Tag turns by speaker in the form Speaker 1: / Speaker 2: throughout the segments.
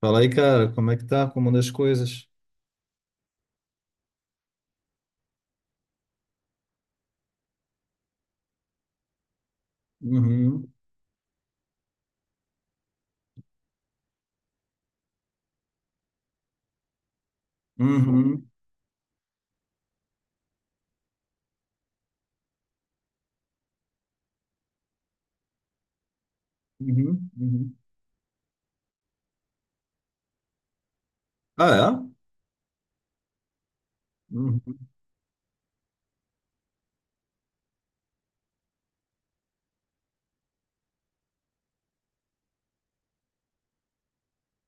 Speaker 1: Fala aí, cara, como é que tá? Como anda as coisas? Uhum, uhum, uhum, uhum. Ah, é? Uhum,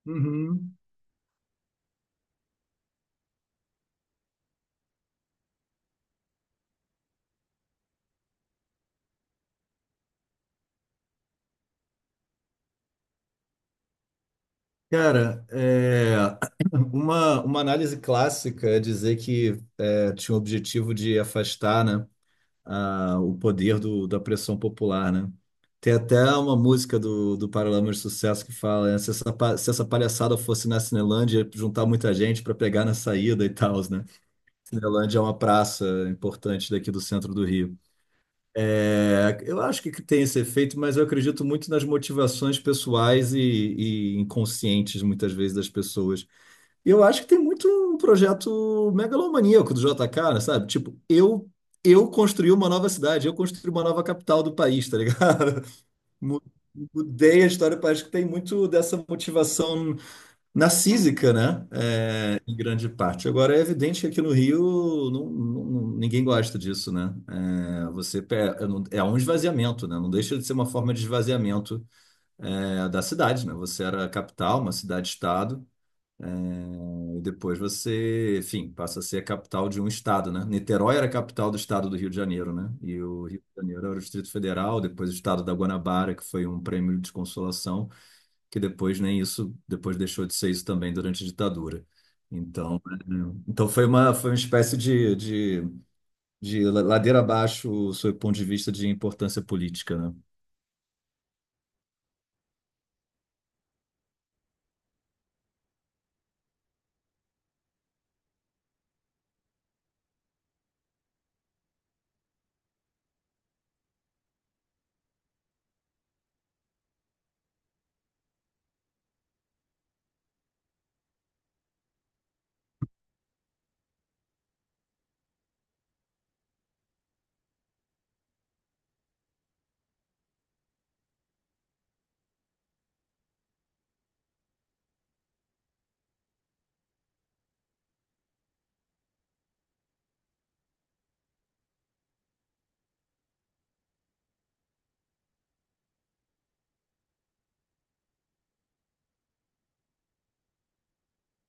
Speaker 1: uhum. Cara, é, uma análise clássica é dizer que é, tinha o objetivo de afastar, né, o poder da pressão popular, né? Tem até uma música do Paralamas de Sucesso que fala, né, se essa, se essa palhaçada fosse na Cinelândia, juntar muita gente para pegar na saída e tal, né? Cinelândia é uma praça importante daqui do centro do Rio. É, eu acho que tem esse efeito, mas eu acredito muito nas motivações pessoais e inconscientes, muitas vezes, das pessoas. E eu acho que tem muito um projeto megalomaníaco do JK, sabe? Tipo, eu construí uma nova cidade, eu construí uma nova capital do país, tá ligado? Mu- Mudei a história, parece que tem muito dessa motivação narcísica, né? Em grande parte. Agora, é evidente que aqui no Rio ninguém gosta disso, né? É, você pe- é não- é um esvaziamento, né? Não deixa de ser uma forma de esvaziamento, é, da cidade, né? Você era a capital, uma cidade-estado, e depois você, enfim, passa a ser a capital de um estado, né? Niterói era a capital do estado do Rio de Janeiro, né? E o Rio de Janeiro era o Distrito Federal, depois o estado da Guanabara, que foi um prêmio de consolação que depois nem isso, depois deixou de ser isso também durante a ditadura. Então, então foi uma espécie de ladeira abaixo, sob o ponto de vista de importância política, né?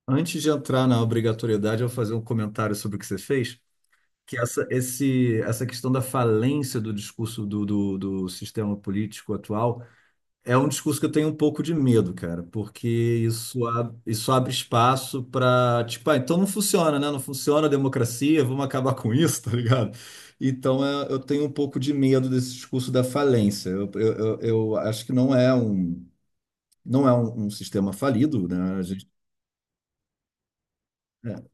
Speaker 1: Antes de entrar na obrigatoriedade, eu vou fazer um comentário sobre o que você fez, que essa questão da falência do discurso do sistema político atual é um discurso que eu tenho um pouco de medo, cara, porque isso, isso abre espaço para, tipo, ah, então não funciona, né? Não funciona a democracia, vamos acabar com isso, tá ligado? Então é, eu tenho um pouco de medo desse discurso da falência. Eu acho que não é um, não é um sistema falido, né? A gente. É.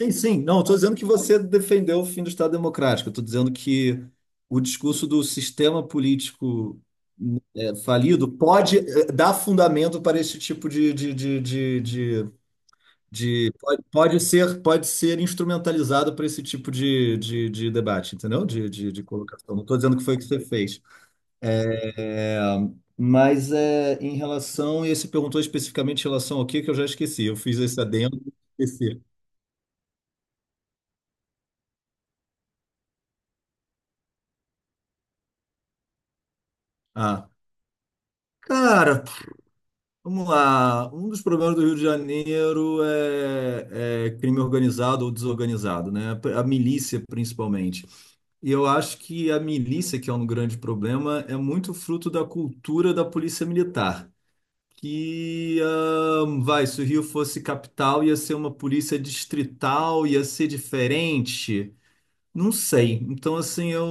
Speaker 1: Sim, sim. Não, estou dizendo que você defendeu o fim do Estado Democrático. Estou dizendo que o discurso do sistema político é, falido pode é, dar fundamento para esse tipo pode, pode ser instrumentalizado para esse tipo de debate, entendeu? De colocação. Não estou dizendo que foi o que você fez. É, mas é, em relação, e você perguntou especificamente em relação ao que eu já esqueci. Eu fiz esse adendo, esqueci. Ah. Cara, vamos lá. Um dos problemas do Rio de Janeiro é crime organizado ou desorganizado, né? A milícia, principalmente. E eu acho que a milícia, que é um grande problema, é muito fruto da cultura da polícia militar. Que, vai, se o Rio fosse capital, ia ser uma polícia distrital, ia ser diferente. Não sei. Então, assim, eu,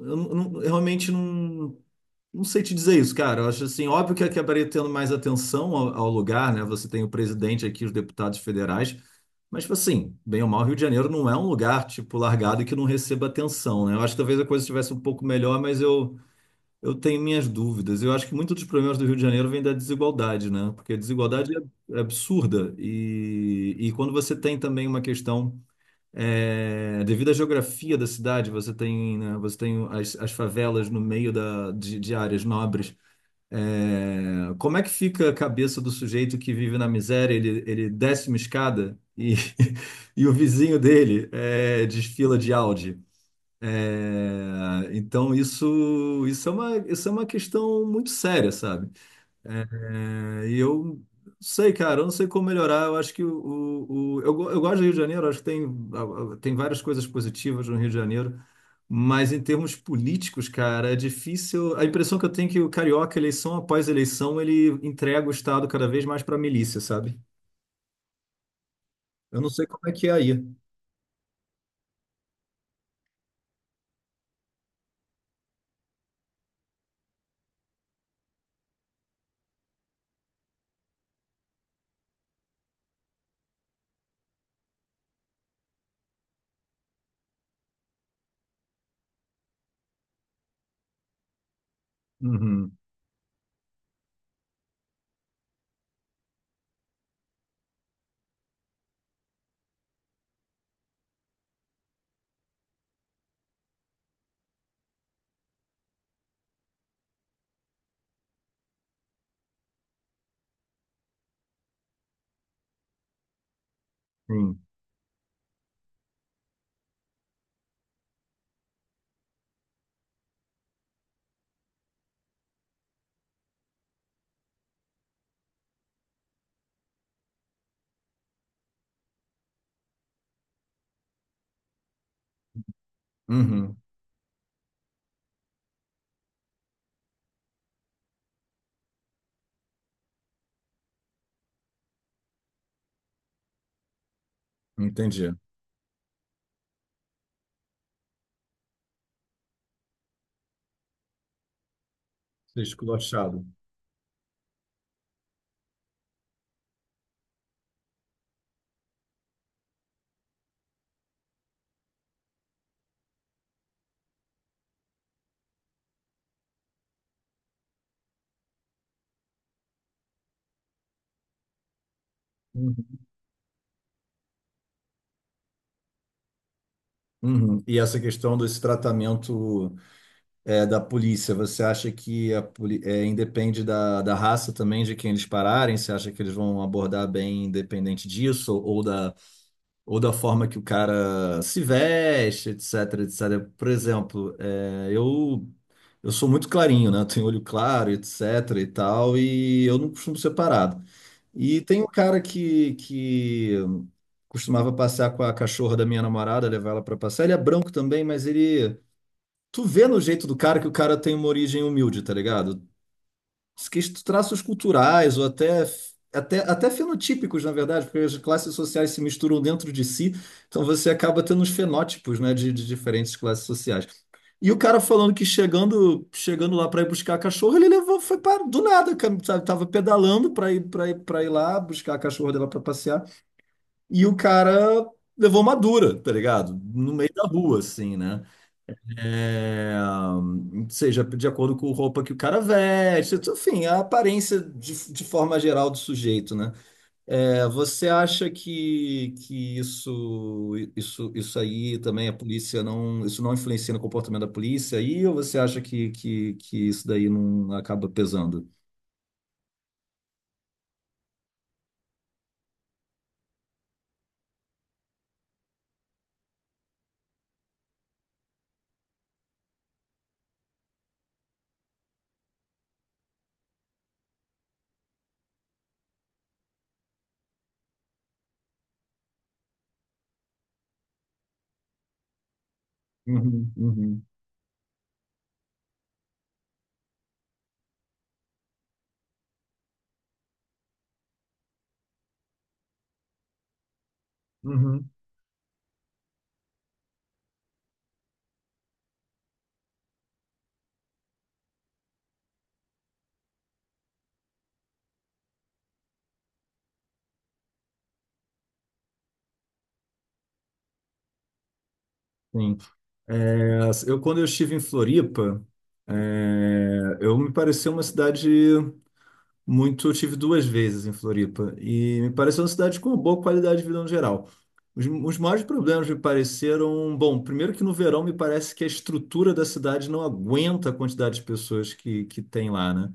Speaker 1: eu não- eu realmente não. Não sei te dizer isso, cara. Eu acho assim, óbvio que acabaria tendo mais atenção ao lugar, né? Você tem o presidente aqui, os deputados federais, mas tipo assim, bem ou mal, Rio de Janeiro não é um lugar tipo largado e que não receba atenção, né? Eu acho que talvez a coisa estivesse um pouco melhor, mas eu tenho minhas dúvidas. Eu acho que muitos dos problemas do Rio de Janeiro vêm da desigualdade, né? Porque a desigualdade é é absurda e quando você tem também uma questão é, devido à geografia da cidade, você tem, né, você tem as, as favelas no meio de áreas nobres. É, como é que fica a cabeça do sujeito que vive na miséria? Ele desce uma escada e, e o vizinho dele é, desfila de Audi. É, então isso, isso é uma questão muito séria, sabe? É, e eu não sei, cara, eu não sei como melhorar. Eu acho que eu gosto do Rio de Janeiro, acho que tem, tem várias coisas positivas no Rio de Janeiro, mas em termos políticos, cara, é difícil. A impressão que eu tenho é que o carioca, eleição após eleição, ele entrega o Estado cada vez mais para a milícia, sabe? Eu não sei como é que é aí. Uhum, sim. Uhum, entendi. Ser esculachado. Uhum. Uhum. E essa questão desse tratamento. É, da polícia, você acha que a é, independe da raça também de quem eles pararem? Você acha que eles vão abordar bem independente disso? Ou da forma que o cara se veste, etc, etc. Por exemplo, é, eu sou muito clarinho, né? Eu tenho olho claro, etc e tal, e eu não costumo ser parado. E tem um cara que costumava passear com a cachorra da minha namorada, levar ela para passear. Ele é branco também, mas ele tu vê no jeito do cara que o cara tem uma origem humilde, tá ligado? Que traços culturais ou até fenotípicos, na verdade, porque as classes sociais se misturam dentro de si, então você acaba tendo uns fenótipos, né, de diferentes classes sociais. E o cara falando que chegando lá para ir buscar a cachorra, ele levou, foi para do nada, cara, sabe? Tava pedalando para para ir lá buscar a cachorra dela para passear. E o cara levou uma dura, tá ligado? No meio da rua, assim, né? É, seja de acordo com a roupa que o cara veste, enfim, a aparência de forma geral do sujeito, né? É, você acha que isso aí também a polícia não, isso não influencia no comportamento da polícia aí, ou você acha que isso daí não acaba pesando? Uhum, uhum, uhum, sim. É, eu, quando eu estive em Floripa, é, eu me pareceu uma cidade muito, eu tive duas vezes em Floripa e me pareceu uma cidade com uma boa qualidade de vida no geral. Os maiores problemas me pareceram, bom, primeiro que no verão me parece que a estrutura da cidade não aguenta a quantidade de pessoas que tem lá, né?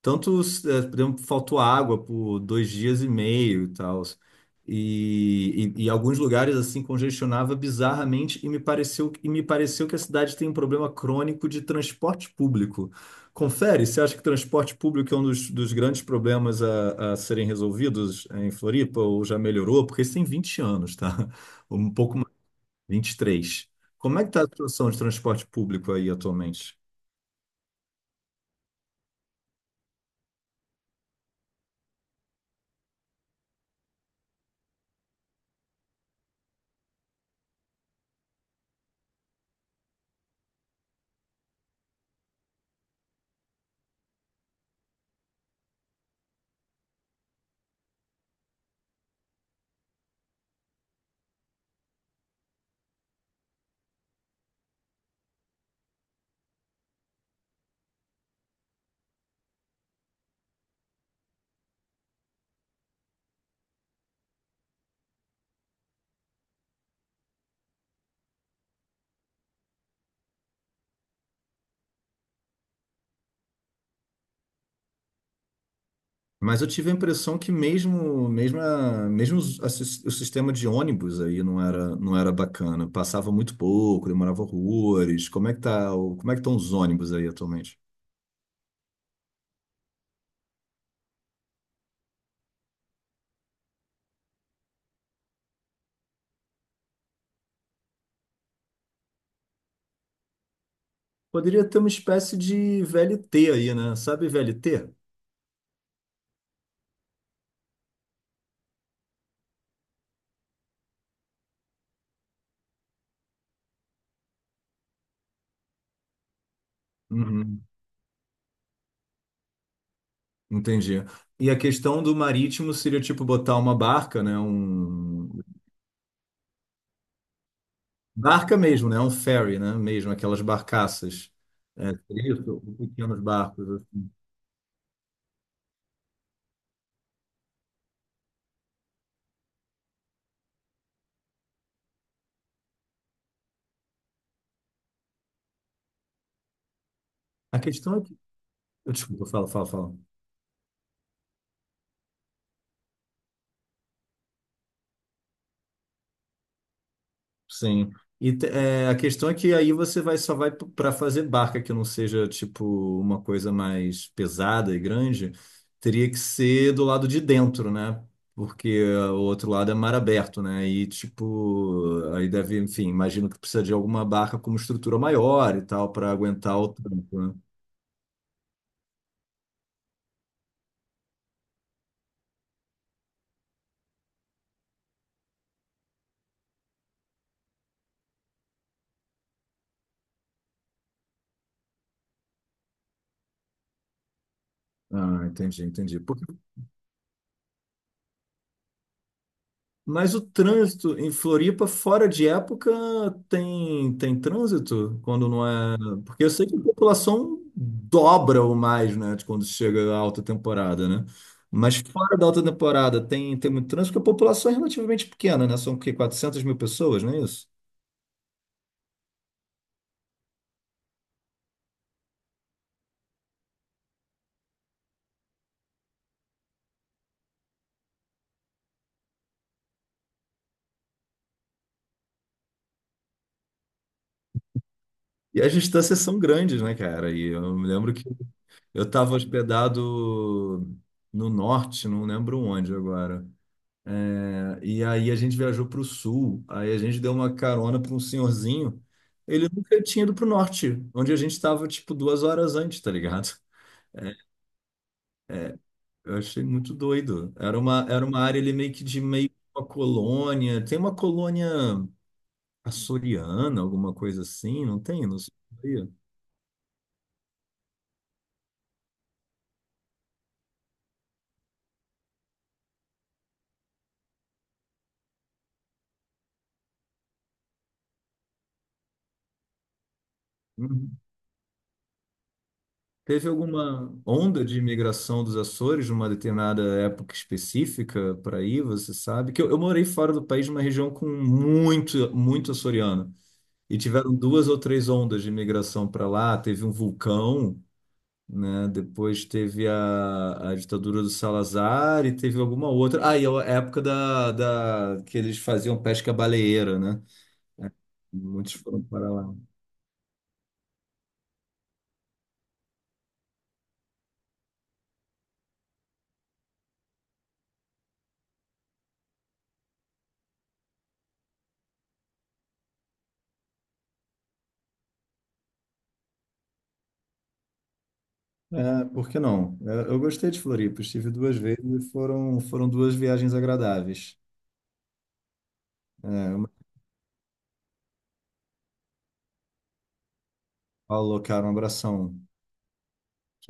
Speaker 1: Tanto, eh, por exemplo, faltou água por 2 dias e meio e tal. E alguns lugares assim congestionava bizarramente e me pareceu que a cidade tem um problema crônico de transporte público. Confere, você acha que transporte público é um dos grandes problemas a serem resolvidos em Floripa ou já melhorou? Porque isso tem 20 anos, tá? Um pouco mais, 23. Como é que está a situação de transporte público aí atualmente? Mas eu tive a impressão que mesmo, mesmo, a- mesmo os- a sis- o sistema de ônibus aí não era bacana. Passava muito pouco, demorava horrores. Como é que tá, como é que estão os ônibus aí atualmente? Poderia ter uma espécie de VLT aí, né? Sabe VLT? Uhum. Entendi. E a questão do marítimo seria tipo botar uma barca, né? Um barca mesmo, né? Um ferry, né? Mesmo aquelas barcaças. É, seria isso, pequenos barcos. Assim. A questão é que, desculpa, fala. Sim. E é, a questão é que aí você vai só vai para fazer barca que não seja tipo uma coisa mais pesada e grande, teria que ser do lado de dentro, né? Porque ó, o outro lado é mar aberto, né? E tipo, aí deve, enfim, imagino que precisa de alguma barca com uma estrutura maior e tal para aguentar o tempo, né? Ah, entendi. Mas o trânsito em Floripa, fora de época, tem, tem trânsito quando não é. Porque eu sei que a população dobra ou mais, né, de quando chega a alta temporada, né? Mas fora da alta temporada tem, tem muito trânsito, porque a população é relativamente pequena, né? São o quê? 400 mil pessoas, não é isso? E as distâncias são grandes, né, cara? E eu me lembro que eu estava hospedado no norte, não lembro onde agora. E aí a gente viajou para o sul, aí a gente deu uma carona para um senhorzinho. Ele nunca tinha ido para o norte, onde a gente estava tipo 2 horas antes, tá ligado? Eu achei muito doido. Era uma área ali meio que uma colônia. Tem uma colônia açoriana, alguma coisa assim, não tem? Não sei. Uhum. Teve alguma onda de imigração dos Açores numa determinada época específica para aí, você sabe? Que eu morei fora do país numa região com muito açoriano. E tiveram duas ou três ondas de imigração para lá. Teve um vulcão, né? Depois teve a ditadura do Salazar e teve alguma outra. Ah, e a época que eles faziam pesca baleeira, né? Muitos foram para lá. É, por que não? É, eu gostei de Floripa, estive duas vezes e foram, foram duas viagens agradáveis. É, uma em São Paulo, cara, um abração.